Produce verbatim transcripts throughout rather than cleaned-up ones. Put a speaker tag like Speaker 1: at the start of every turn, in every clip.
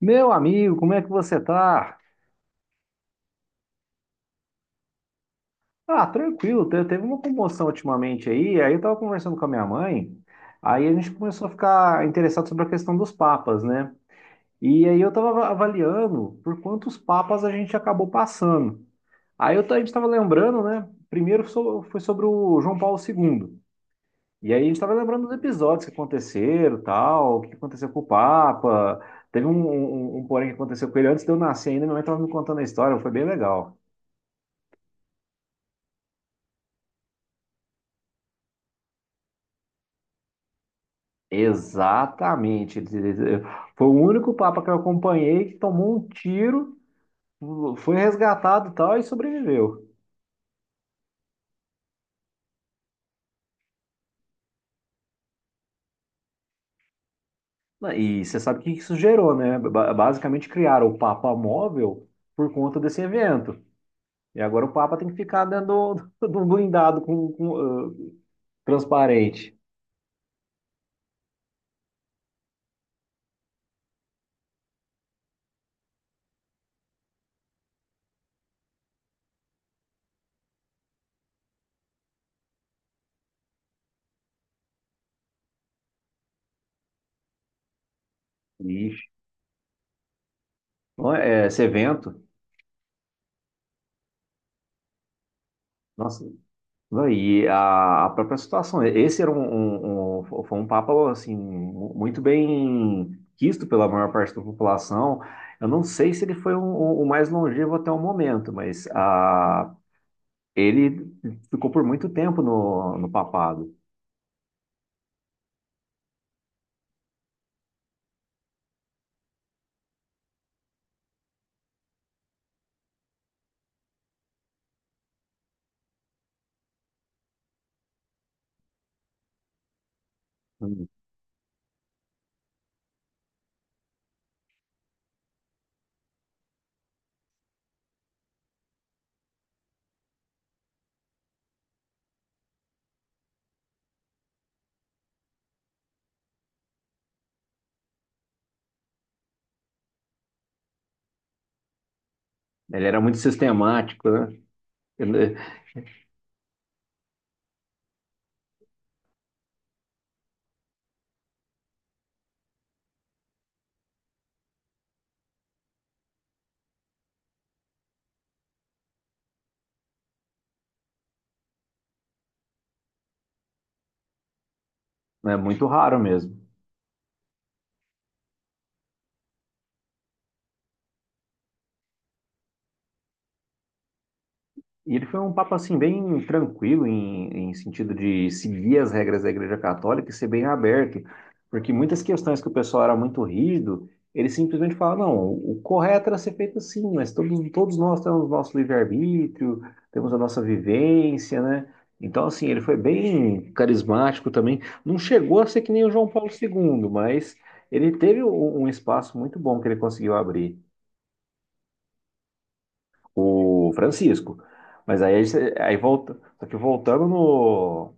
Speaker 1: Meu amigo, como é que você tá? Ah, tranquilo, te- teve uma comoção ultimamente aí, aí eu tava conversando com a minha mãe, aí a gente começou a ficar interessado sobre a questão dos papas, né? E aí eu tava ava- avaliando por quantos papas a gente acabou passando. Aí eu, ta- a gente estava lembrando, né? Primeiro so- foi sobre o João Paulo segundo. E aí a gente estava lembrando dos episódios que aconteceram, tal, o que aconteceu com o Papa. Teve um, um, um um porém que aconteceu com ele antes de eu nascer ainda, minha mãe estava me contando a história, foi bem legal. Exatamente. Foi o único Papa que eu acompanhei que tomou um tiro, foi resgatado e tal, e sobreviveu. E você sabe o que isso gerou, né? Ba- Basicamente criaram o Papa móvel por conta desse evento. E agora o Papa tem que ficar dentro do, do blindado com, com, ah, transparente. Ixi. Não é- Esse evento, nossa. Não, e a, a própria situação, esse era um, um- um- foi um papo assim mu- muito bem quisto pela maior parte da população. Eu não sei se ele foi o o- o mais longevo até o momento, mas ah, ele ficou por muito tempo no, no papado. Ele era muito sistemático, né? Ele é muito raro mesmo. E ele foi um papa assim bem tranquilo em, em sentido de seguir as regras da Igreja Católica e ser bem aberto, porque muitas questões que o pessoal era muito rígido, ele simplesmente fala, não, o correto era ser feito assim, mas todos, todos nós temos o nosso livre-arbítrio, temos a nossa vivência, né? Então, assim, ele foi bem carismático também. Não chegou a ser que nem o João Paulo segundo, mas ele teve um, um espaço muito bom que ele conseguiu abrir o Francisco. Mas aí, a gente- aí volta, só que voltando no,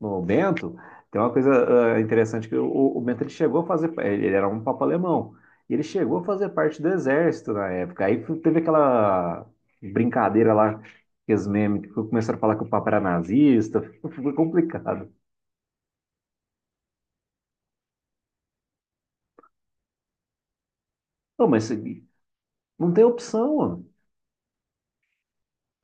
Speaker 1: no Bento, tem uma coisa ah, interessante que o, o Bento ele chegou a fazer, ele era um papa alemão, e ele chegou a fazer parte do exército na época. Aí teve aquela brincadeira lá, aqueles memes que começaram a falar que o papa era nazista, foi complicado. Não, mas não tem opção.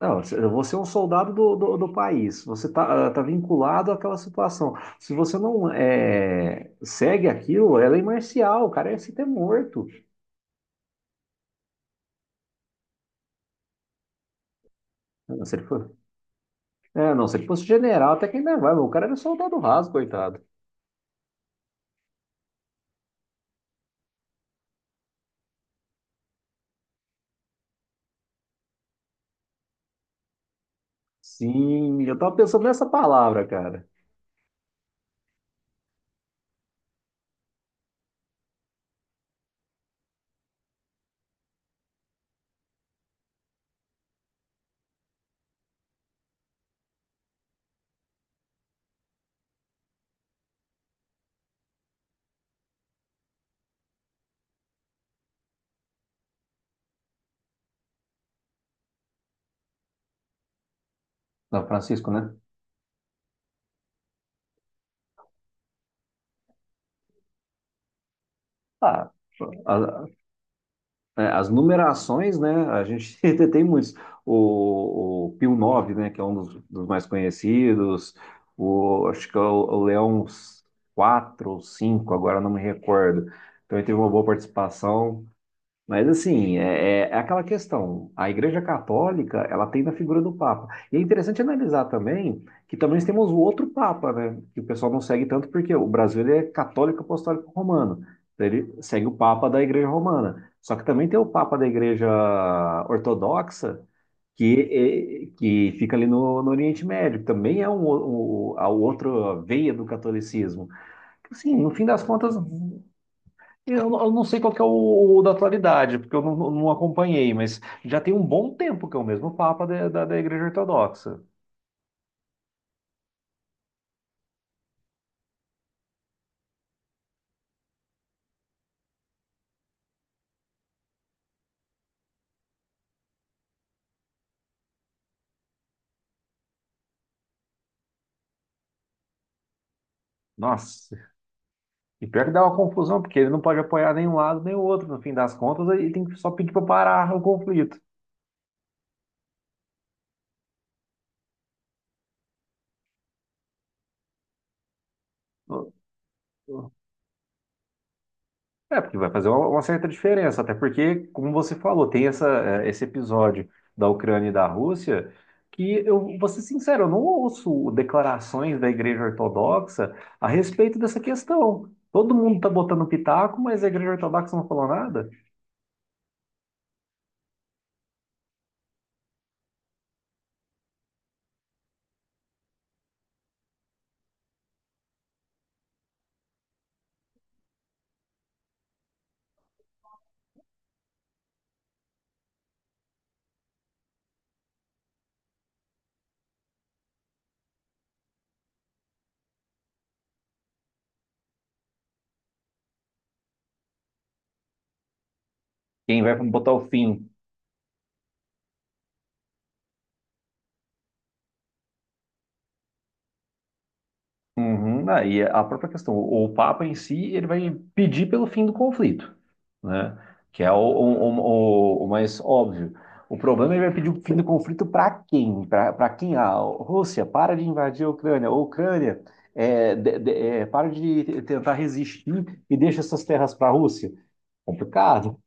Speaker 1: Não, se- eu vou ser um soldado do, do, do país. Você está tá, ah, tá vinculado àquela situação. Se você não é, segue aquilo, ela é lei marcial. O cara ia se ter morto. Ah, não, se ele for, é, não, se ele fosse general, até que ainda vai. Mas o cara era soldado raso, coitado. Sim, eu tava pensando nessa palavra, cara. Não, Francisco, né? Ah, é, as numerações, né? A gente tem muitos. O, o Pio nove, né? Que é um dos, dos mais conhecidos. O, acho que é o, o Leão quatro ou cinco, agora não me recordo. Então ele teve uma boa participação. Mas assim, é, é- é aquela questão. A Igreja Católica, ela tem na figura do Papa. E é interessante analisar também que também nós temos o outro Papa, né? Que o pessoal não segue tanto porque o Brasil ele é católico apostólico romano. Então ele segue o Papa da Igreja Romana. Só que também tem o Papa da Igreja Ortodoxa, que, é- que fica ali no, no Oriente Médio, que também é um, o- o- a outra veia do catolicismo. Assim, no fim das contas, eu, não- eu não sei qual que é o, o da atualidade, porque eu não, não acompanhei, mas já tem um bom tempo que é o mesmo Papa da, da, da Igreja Ortodoxa. Nossa, e pior que dá uma confusão, porque ele não pode apoiar nem um lado nem o outro, no fim das contas, aí tem que só pedir para parar o conflito. É, porque vai fazer uma, uma certa diferença, até porque, como você falou, tem essa, eh, esse episódio da Ucrânia e da Rússia, que eu vou ser sincero, eu não ouço declarações da Igreja Ortodoxa a respeito dessa questão. Todo mundo tá botando pitaco, mas a Igreja Ortodoxa não falou nada. Quem vai botar o fim? Uhum, aí a própria questão, o, o Papa em si, ele vai pedir pelo fim do conflito, né? Que é o, o, o, o mais óbvio. O problema é ele vai pedir o fim do conflito para quem? Para quem? A Rússia, para de invadir a Ucrânia. A Ucrânia, é, de- de- é, para de tentar resistir e deixa essas terras para a Rússia. Complicado.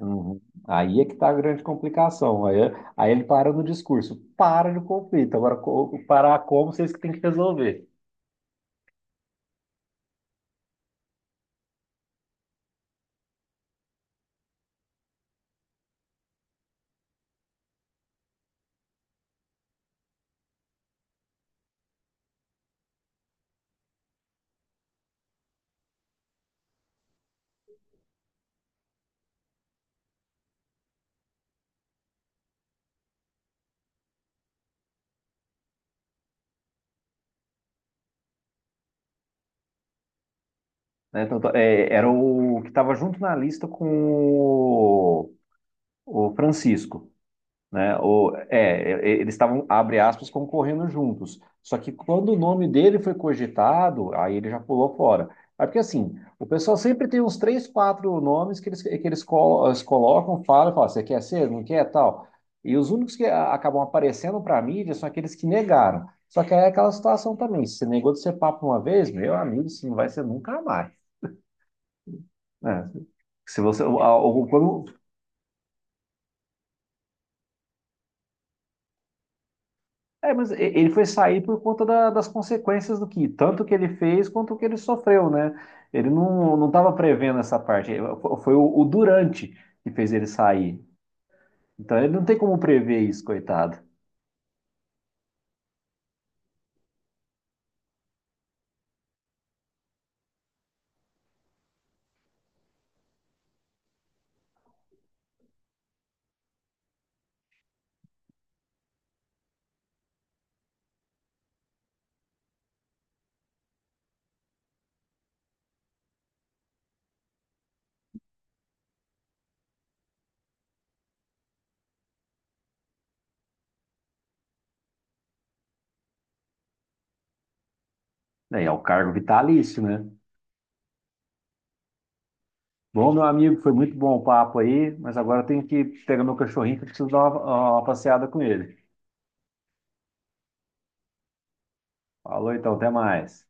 Speaker 1: Uhum. Aí é que está a grande complicação. Aí, aí ele para no discurso, para de conflito. Agora, co- parar como vocês que têm que resolver. Né? Então, tá- é, era o que estava junto na lista com o o Francisco. Né? Ou, é, eles estavam, abre aspas, concorrendo juntos. Só que quando o nome dele foi cogitado, aí ele já pulou fora. É porque assim, o pessoal sempre tem uns três, quatro nomes que eles, que eles, colo- eles colocam, falam, falam, você quer ser, não quer, tal. E os únicos que a- acabam aparecendo para a mídia são aqueles que negaram. Só que aí é aquela situação também, se você negou de ser papo uma vez, meu amigo, isso não vai ser nunca mais, né? Se você, a- o- quando É, mas e- ele foi sair por conta da- das consequências do que, tanto que ele fez quanto o que ele sofreu, né? Ele não não estava prevendo essa parte. Ele- fo- Foi o, o Durante que fez ele sair. Então ele não tem como prever isso, coitado. É, é o cargo vitalício, né? Bom, meu amigo, foi muito bom o papo aí, mas agora eu tenho que pegar meu cachorrinho que eu preciso dar uma, uma passeada com ele. Falou então, até mais.